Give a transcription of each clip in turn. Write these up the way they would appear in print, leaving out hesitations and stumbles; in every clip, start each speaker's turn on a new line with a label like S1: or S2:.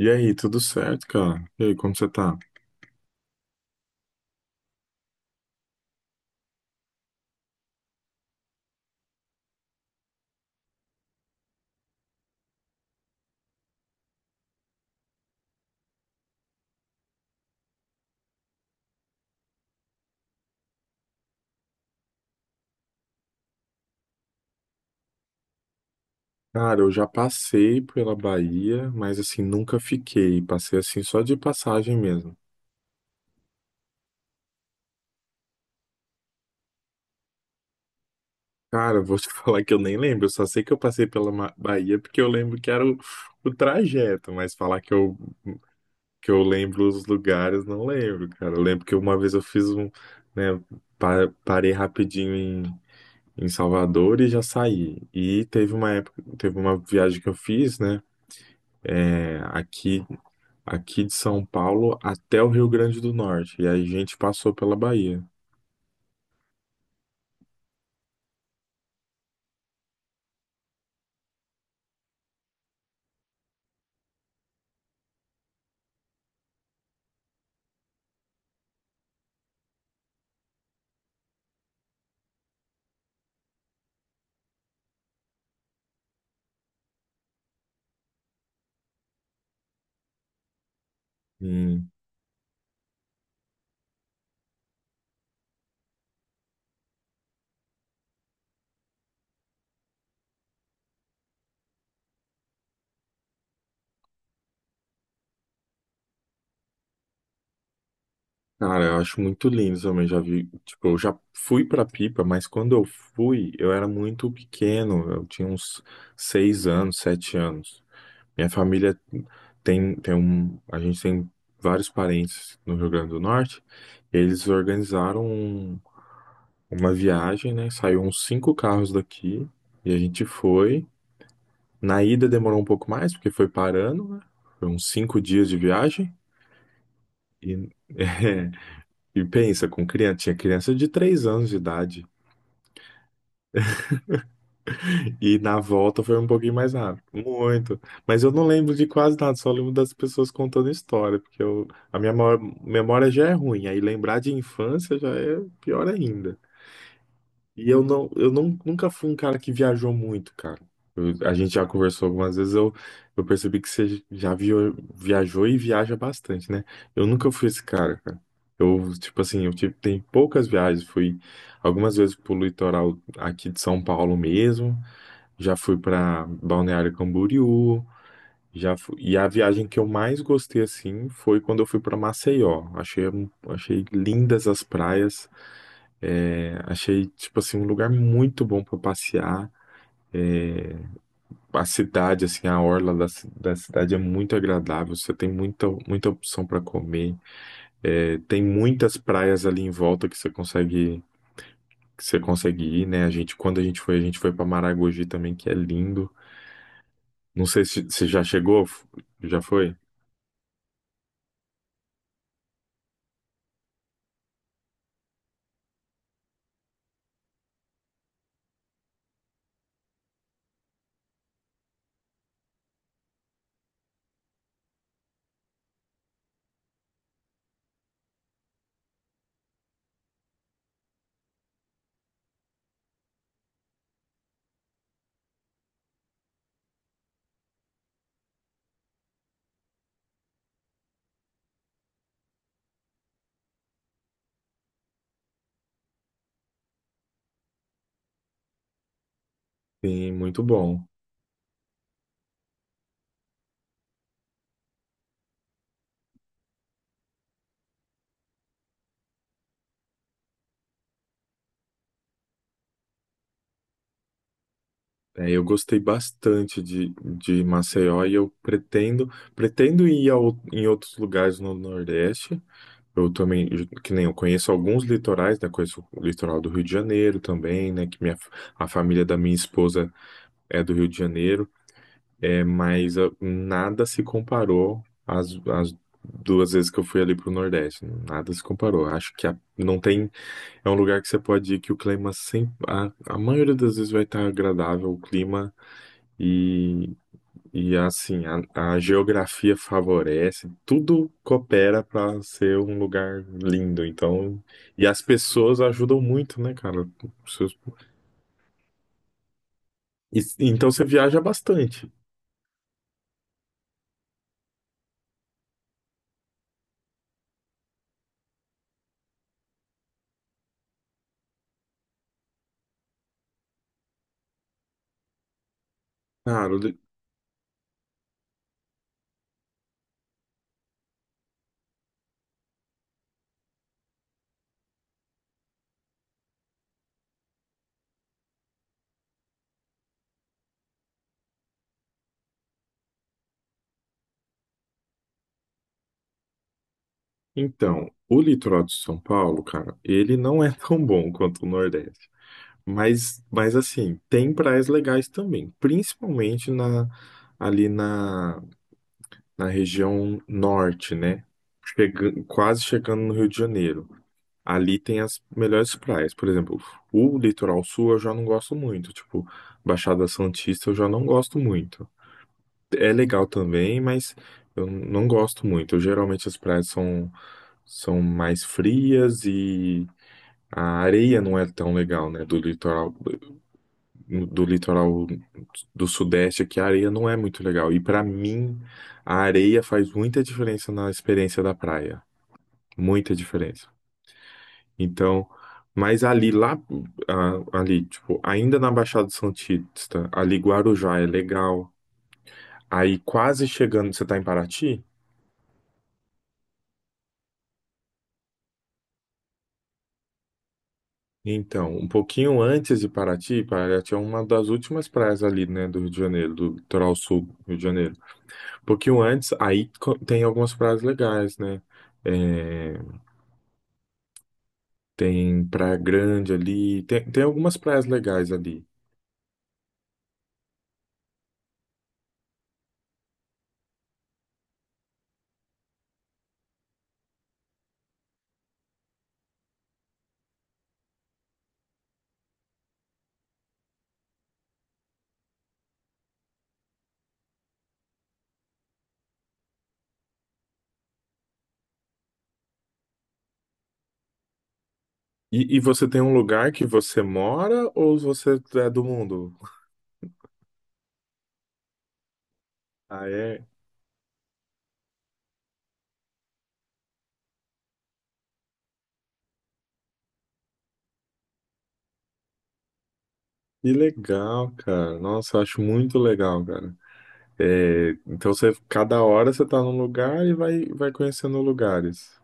S1: E aí, tudo certo, cara? E aí, como você tá? Cara, eu já passei pela Bahia, mas assim, nunca fiquei. Passei assim só de passagem mesmo. Cara, eu vou te falar que eu nem lembro. Eu só sei que eu passei pela Bahia porque eu lembro que era o trajeto, mas falar que eu lembro os lugares, não lembro, cara. Eu lembro que uma vez eu fiz, né, parei rapidinho em Salvador e já saí. E teve uma viagem que eu fiz, né? é, aqui aqui de São Paulo até o Rio Grande do Norte. E aí a gente passou pela Bahia. Hum, Cara, eu acho muito lindo também. Já vi, tipo, eu já fui pra Pipa, mas quando eu fui, eu era muito pequeno. Eu tinha uns 6 anos, 7 anos. Minha família a gente tem vários parentes no Rio Grande do Norte. Eles organizaram uma viagem, né? Saiu uns cinco carros daqui e a gente foi. Na ida demorou um pouco mais, porque foi parando, né? Foi uns 5 dias de viagem. E, é, e pensa, com criança, tinha criança de 3 anos de idade. E na volta foi um pouquinho mais rápido. Muito. Mas eu não lembro de quase nada, só lembro das pessoas contando história, porque eu, a minha maior- memória já é ruim. Aí lembrar de infância já é pior ainda. E eu nunca fui um cara que viajou muito, cara. A gente já conversou algumas vezes, eu percebi que você já viajou e viaja bastante, né? Eu nunca fui esse cara, cara. Eu, tipo assim, eu tenho poucas viagens, fui algumas vezes pro litoral aqui de São Paulo mesmo, já fui pra Balneário Camboriú, já fui, e a viagem que eu mais gostei, assim, foi quando eu fui pra Maceió. Achei lindas as praias, achei, tipo assim, um lugar muito bom para passear. A cidade, assim, a orla da cidade é muito agradável. Você tem muita, muita opção para comer. É, tem muitas praias ali em volta que você consegue ir, né? A gente, quando a gente foi para Maragogi também, que é lindo. Não sei se você já chegou, já foi? Sim, muito bom. É, eu gostei bastante de Maceió e eu pretendo ir em outros lugares no Nordeste. Eu também, que nem eu conheço alguns litorais, né? Conheço o litoral do Rio de Janeiro também, né? A família da minha esposa é do Rio de Janeiro, mas nada se comparou às 2 vezes que eu fui ali pro Nordeste. Nada se comparou. Acho que não tem. É um lugar que você pode ir que o clima sempre. A maioria das vezes vai estar agradável o clima e assim, a geografia favorece, tudo coopera para ser um lugar lindo. Então, e as pessoas ajudam muito, né, cara? Seus- Então você viaja bastante. Cara, então, o litoral de São Paulo, cara, ele não é tão bom quanto o Nordeste. Mas assim, tem praias legais também, principalmente ali na, na região norte, né? Chegando, quase chegando no Rio de Janeiro. Ali tem as melhores praias. Por exemplo, o litoral sul eu já não gosto muito. Tipo, Baixada Santista eu já não gosto muito. É legal também, mas eu não gosto muito. Geralmente as praias são mais frias e a areia não é tão legal, né? Do litoral do sudeste aqui, a areia não é muito legal. E pra mim, a areia faz muita diferença na experiência da praia. Muita diferença. Então, mas ali lá, ali, tipo, ainda na Baixada Santista, ali Guarujá é legal. Aí quase chegando, você tá em Paraty? Então, um pouquinho antes de Paraty, Paraty é uma das últimas praias ali, né, do Rio de Janeiro, do litoral sul do Rio de Janeiro. Um pouquinho antes, aí tem algumas praias legais, né? É, tem Praia Grande ali, tem algumas praias legais ali. E você tem um lugar que você mora ou você é do mundo? Ah, é? Que legal, cara. Nossa, eu acho muito legal, cara. É, então você, cada hora você tá num lugar e vai conhecendo lugares.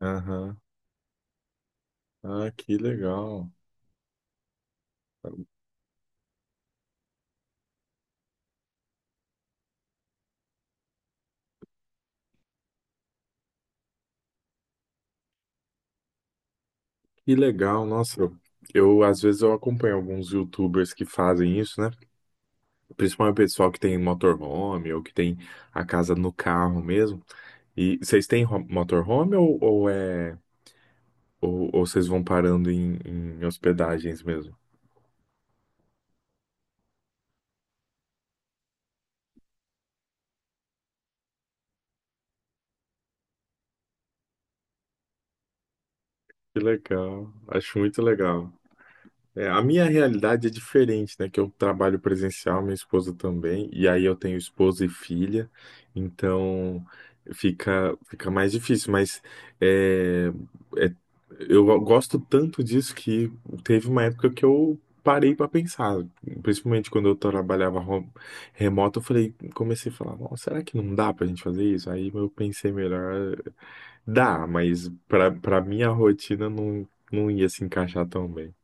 S1: Aham. Ah, que legal. Que legal, nossa. Às vezes eu acompanho alguns YouTubers que fazem isso, né? Principalmente o pessoal que tem motorhome ou que tem a casa no carro mesmo. E vocês têm motorhome ou vocês vão parando em hospedagens mesmo? Que legal. Acho muito legal. É, a minha realidade é diferente, né? Que eu trabalho presencial, minha esposa também, e aí eu tenho esposa e filha, então fica mais difícil, mas é, é- eu gosto tanto disso que teve uma época que eu parei para pensar, principalmente quando eu trabalhava remoto, comecei a falar, "Nossa, será que não dá pra gente fazer isso?" Aí eu pensei melhor, dá, mas para minha rotina não ia se encaixar tão bem.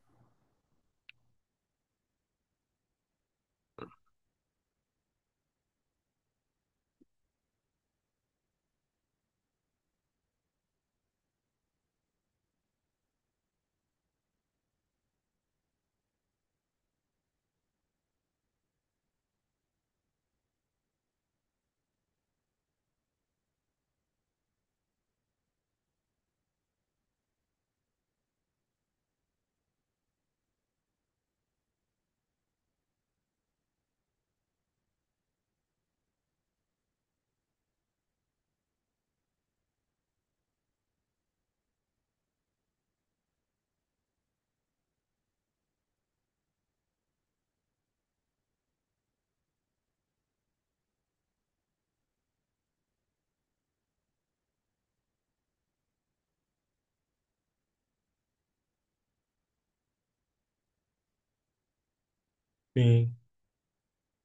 S1: Sim.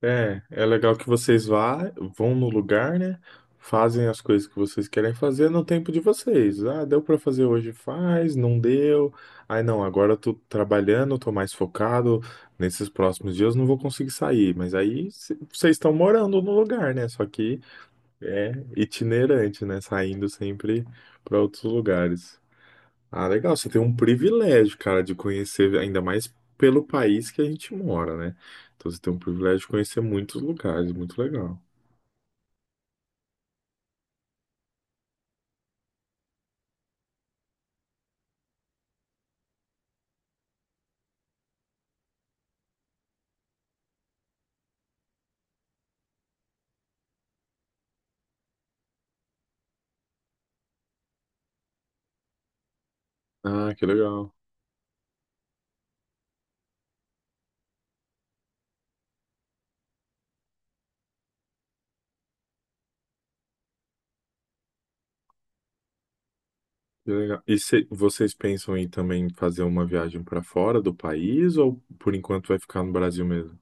S1: É, é legal que vocês vão no lugar, né? Fazem as coisas que vocês querem fazer no tempo de vocês. Ah, deu pra fazer hoje, faz, não deu. Ai, não, agora eu tô trabalhando, tô mais focado. Nesses próximos dias não vou conseguir sair. Mas aí vocês estão morando no lugar, né? Só que é itinerante, né? Saindo sempre pra outros lugares. Ah, legal. Você tem um privilégio, cara, de conhecer, ainda mais pelo país que a gente mora, né? Então você tem um privilégio de conhecer muitos lugares, muito legal. Ah, que legal. Que legal. E vocês pensam em também fazer uma viagem para fora do país ou por enquanto vai ficar no Brasil mesmo?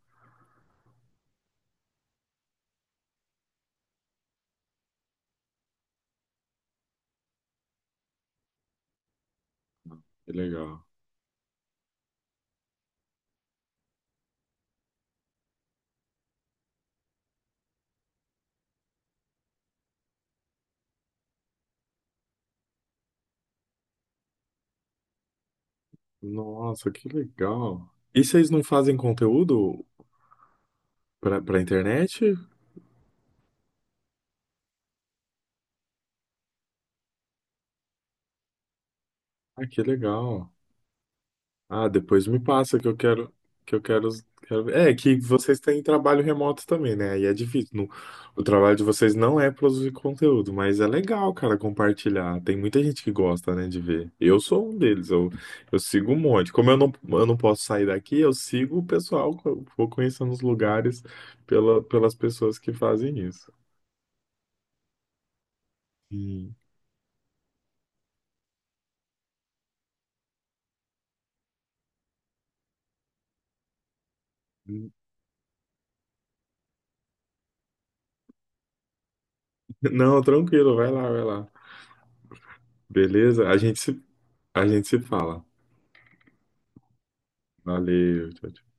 S1: Que legal. Nossa, que legal. E vocês não fazem conteúdo para internet? Ah, que legal. Ah, depois me passa que eu quero ver. É que vocês têm trabalho remoto também, né? Aí é difícil. O trabalho de vocês não é produzir conteúdo, mas é legal, cara, compartilhar. Tem muita gente que gosta, né, de ver. Eu sou um deles. Eu sigo um monte. Como eu não posso sair daqui, eu sigo o pessoal. Eu vou conhecendo os lugares pelas pessoas que fazem isso. Hum. Não, tranquilo. Vai lá, vai lá. Beleza? A gente se fala. Valeu. Tchau, tchau.